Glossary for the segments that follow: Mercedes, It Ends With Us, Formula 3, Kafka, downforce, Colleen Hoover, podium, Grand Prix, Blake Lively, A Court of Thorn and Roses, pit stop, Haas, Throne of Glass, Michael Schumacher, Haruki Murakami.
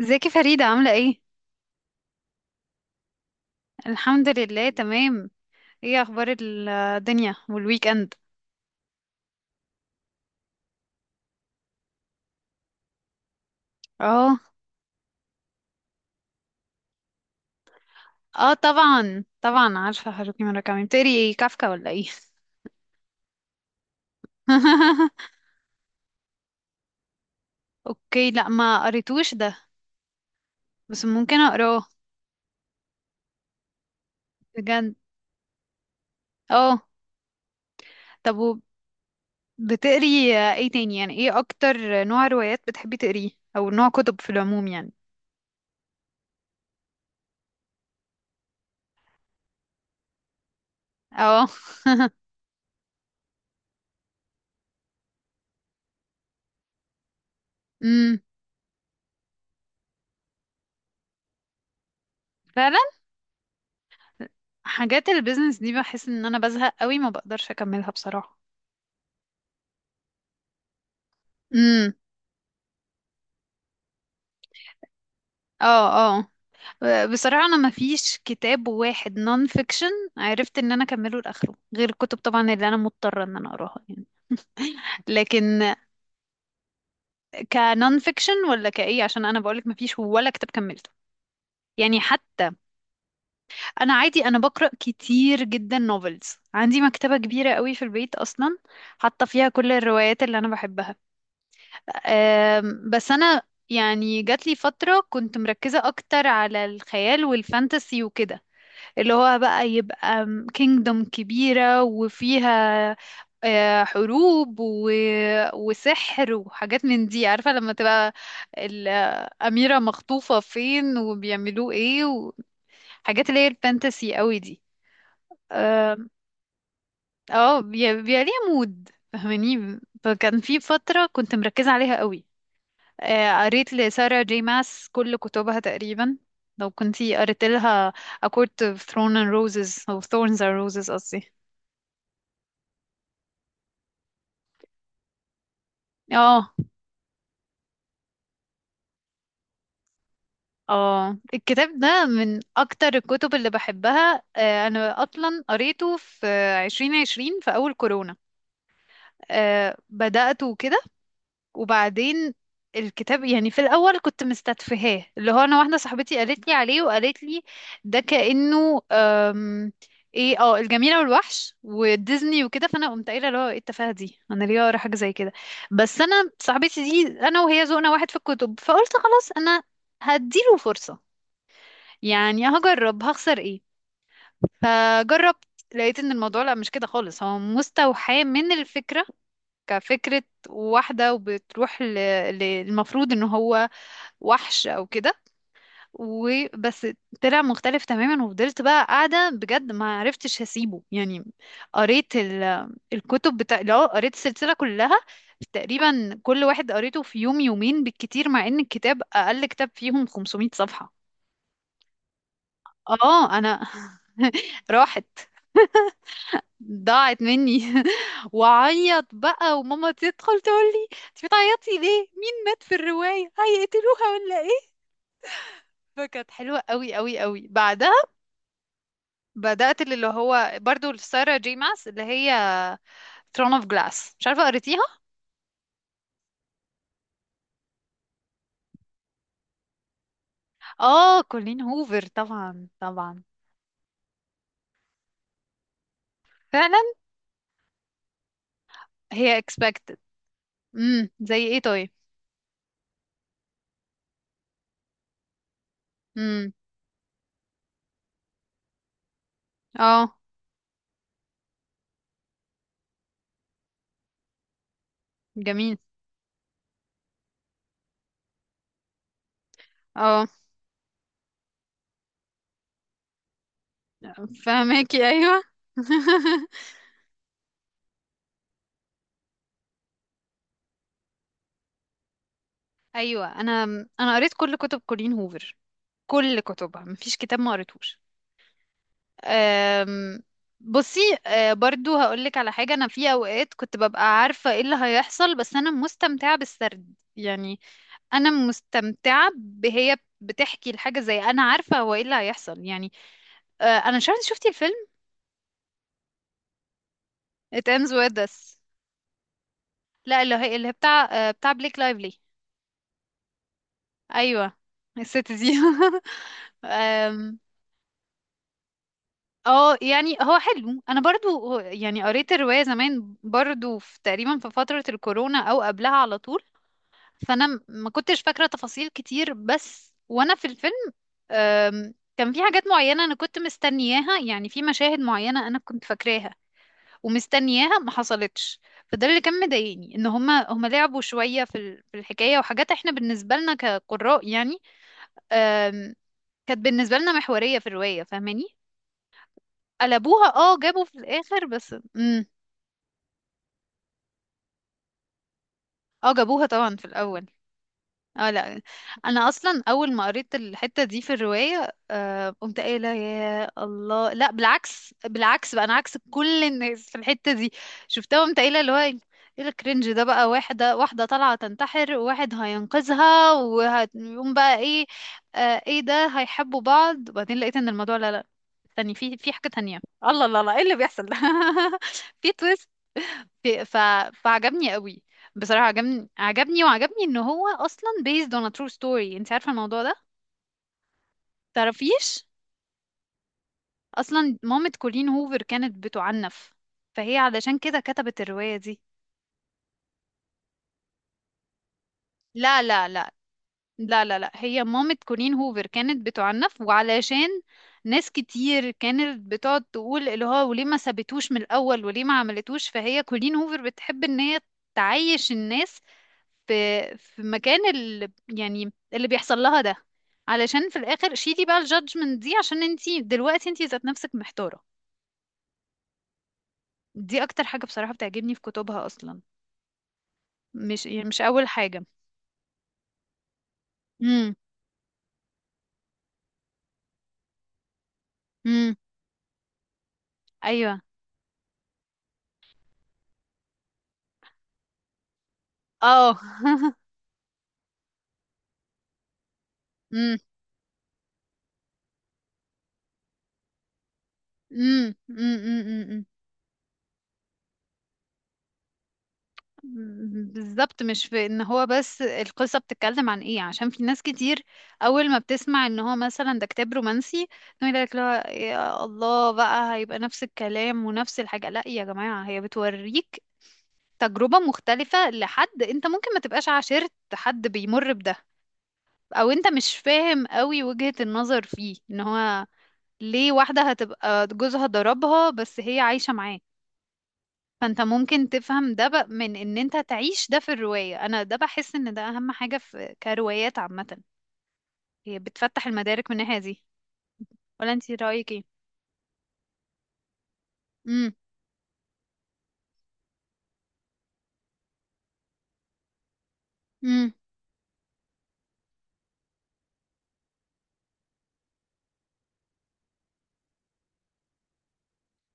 ازيك يا فريدة عاملة ايه؟ الحمد لله تمام. ايه اخبار الدنيا والويك اند؟ اه. اه، طبعا طبعا عارفة هاروكي موراكامي بتقري ايه، كافكا ولا ايه؟ اوكي، لا ما قريتوش ده، بس ممكن اقراه. بجد. اه. طب بتقري ايه تاني؟ يعني ايه اكتر نوع روايات بتحبي تقريه، او نوع كتب في العموم يعني. اه. امم. فعلا. حاجات البيزنس دي بحس ان انا بزهق قوي، ما بقدرش اكملها بصراحة. امم. اه. اه. بصراحة أنا ما فيش كتاب واحد نون فيكشن عرفت إن أنا أكمله لآخره، غير الكتب طبعا اللي أنا مضطرة إن أنا أقراها يعني. لكن كنون فيكشن ولا كإيه؟ عشان أنا بقولك ما فيش ولا كتاب كملته يعني حتى. أنا عادي أنا بقرأ كتير جدا نوفلز، عندي مكتبة كبيرة قوي في البيت أصلا، حاطة فيها كل الروايات اللي أنا بحبها. بس أنا يعني جات لي فترة كنت مركزة أكتر على الخيال والفانتسي وكده، اللي هو بقى يبقى كينجدوم كبيرة وفيها حروب و... وسحر وحاجات من دي، عارفة لما تبقى الأميرة مخطوفة فين وبيعملوا ايه، وحاجات اللي هي الفانتسي قوي دي. اه. بيبقى ليها مود، فاهماني؟ فكان في فترة كنت مركزة عليها قوي. قريت لسارة جي ماس كل كتبها تقريبا، لو كنتي قريت لها A Court of Thorn and Roses أو Thorns and Roses قصدي. اه. اه. الكتاب ده من اكتر الكتب اللي بحبها. انا اصلا قريته في 2020 في اول كورونا. بدأته كده، وبعدين الكتاب يعني في الاول كنت مستتفهاه، اللي هو انا واحده صاحبتي قالت لي عليه، وقالت لي ده كأنه ايه، اه الجميله والوحش وديزني وكده، فانا قمت قايله اللي هو ايه التفاهه دي، انا ليه اقرا حاجه زي كده. بس انا صاحبتي دي انا وهي ذوقنا واحد في الكتب، فقلت خلاص انا هديله فرصة، يعني هجرب، هخسر ايه. فجربت، لقيت ان الموضوع لا، مش كده خالص، هو مستوحاه من الفكرة، كفكرة واحدة وبتروح للمفروض ان هو وحش او كده وبس. طلع مختلف تماما، وفضلت بقى قاعدة بجد ما عرفتش هسيبه يعني. قريت الكتب بتاع، لا قريت السلسلة كلها تقريبا، كل واحد قريته في يوم يومين بالكتير، مع ان الكتاب اقل كتاب فيهم 500 صفحة. اه انا. راحت، ضاعت مني. وعيط بقى، وماما تدخل تقول لي انت بتعيطي ليه، مين مات في الرواية، هيقتلوها ولا ايه. فكانت حلوة قوي قوي قوي. بعدها بدأت اللي هو برضو لسارة جي ماس اللي هي ثرون اوف جلاس، مش عارفة قريتيها. اه، كولين هوفر طبعا طبعا. فعلا. هي expected. امم، زي ايه طيب؟ امم. اه، جميل. اه، فهماكي، ايوه. ايوه انا. انا قريت كل كتب كولين هوفر، كل كتبها مفيش كتاب ما قريتهوش. أم، بصي. برضو هقولك على حاجه، انا في اوقات كنت ببقى عارفه ايه اللي هيحصل بس انا مستمتعه بالسرد يعني، انا مستمتعه بهي بتحكي الحاجه، زي انا عارفه هو ايه اللي هيحصل يعني. انا مش عارفه إنت شفتي الفيلم It Ends With Us؟ لا، اللي هي بتاع بتاع بليك لايفلي. ايوه، الست دي. أم، اه، يعني هو حلو، انا برضو يعني قريت الرواية زمان برضو في تقريبا في فترة الكورونا او قبلها على طول. فانا ما كنتش فاكرة تفاصيل كتير، بس وانا في الفيلم كان في حاجات معينة انا كنت مستنياها، يعني في مشاهد معينة انا كنت فاكراها ومستنياها، ما حصلتش. فده اللي كان مضايقني، ان هما لعبوا شوية في الحكاية، وحاجات احنا بالنسبة لنا كقراء يعني آم، كانت بالنسبة لنا محورية في الرواية، فاهماني. قلبوها، اه جابوا في الاخر، بس. اه، جابوها طبعا في الاول. اه، لا انا اصلا اول ما قريت الحته دي في الروايه آه قمت قايله يا الله، لا بالعكس، بالعكس بقى، انا عكس كل الناس في الحته دي. شفتها قمت قايله اللي هو ايه الكرنج ده بقى، واحده واحده طالعه تنتحر، وواحد هينقذها، وهيقوم بقى ايه، آه ايه ده، هيحبوا بعض. وبعدين لقيت ان الموضوع لا لا، تاني في حاجه تانية، الله الله الله ايه اللي بيحصل ده. في تويست. في- ف... فعجبني قوي. بصراحة عجبني، عجبني، وعجبني ان هو اصلا based on a true story. انت عارفة الموضوع ده؟ تعرفيش؟ اصلا مامة كولين هوفر كانت بتعنف، فهي علشان كده كتبت الرواية دي. لا لا لا. لا لا لا، هي مامة كولين هوفر كانت بتعنف، وعلشان ناس كتير كانت بتقعد تقول اللي هو وليه ما سابتوش من الأول وليه ما عملتوش، فهي كولين هوفر بتحب ان هي تعيش الناس في مكان اللي يعني اللي بيحصل لها ده، علشان في الآخر شيلي بقى الجادجمنت دي، عشان انتي دلوقتي انتي ذات نفسك محتارة. دي أكتر حاجة بصراحة بتعجبني في كتبها أصلا، مش يعني مش أول حاجة. امم. امم. أيوه. اه. مم. امم. امم. امم، امم، امم، بالظبط، مش في ان هو بس القصة بتتكلم عن ايه، عشان في ناس كتير اول ما بتسمع ان هو مثلا ده كتاب رومانسي تقول لك لا يا الله، بقى هيبقى نفس الكلام ونفس الحاجة، لا يا جماعة هي بتوريك تجربة مختلفة، لحد انت ممكن ما تبقاش عاشرت حد بيمر بده، او انت مش فاهم قوي وجهة النظر فيه، ان هو ليه واحدة هتبقى جوزها ضربها بس هي عايشة معاه. فانت ممكن تفهم ده من ان انت تعيش ده في الرواية، انا ده بحس ان ده اهم حاجة في كروايات عامة، هي بتفتح المدارك من الناحية دي. ولا انت رأيك ايه؟ امم. امم.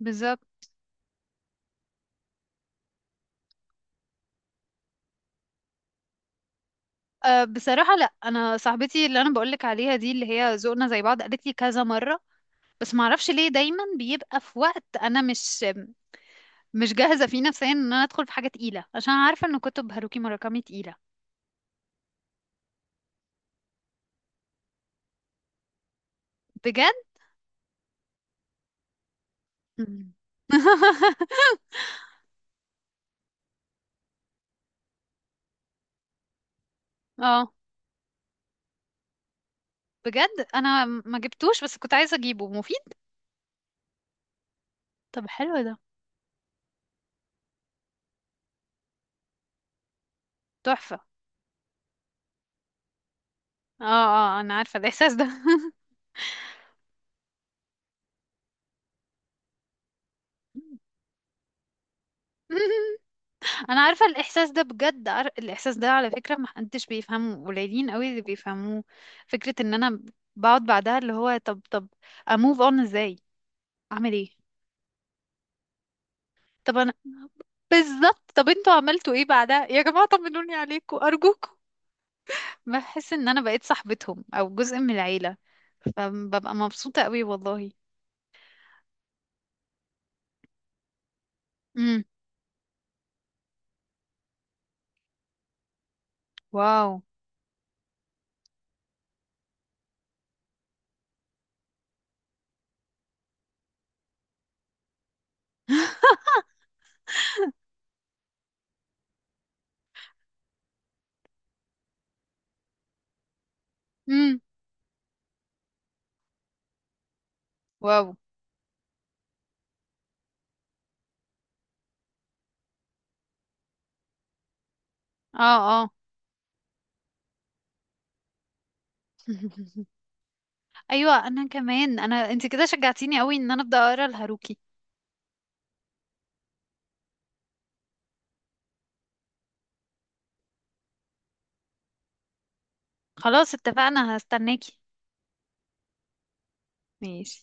بالظبط. أه بصراحة لا، انا صاحبتي اللي انا بقولك عليها دي اللي هي ذوقنا زي بعض قالت لي كذا مرة، بس معرفش ليه دايما بيبقى في وقت انا مش جاهزة فيه نفسيا ان انا ادخل في حاجة تقيلة، عشان عارفة ان كتب هاروكي موراكامي تقيلة. بجد. مم. اه، بجد انا ما جبتوش، بس كنت عايزه اجيبه مفيد. طب حلو ده، تحفه. اه. اه، انا عارفه الاحساس ده. انا عارفه الاحساس ده بجد، الاحساس ده على فكره ما حدش بيفهمه، قليلين قوي اللي بيفهموه. فكره ان انا بقعد بعدها اللي هو، طب طب اموف اون ازاي، اعمل ايه. طب انا. بالظبط، طب انتوا عملتوا ايه بعدها يا جماعه، طمنوني عليكم ارجوكم. بحس ان انا بقيت صاحبتهم او جزء من العيله، فببقى مبسوطه قوي والله. امم. واو. امم. واو. اه. اه. ايوه انا كمان، انا انت كده شجعتيني قوي ان انا ابدا اقرا الهاروكي. خلاص اتفقنا، هستناكي. ماشي.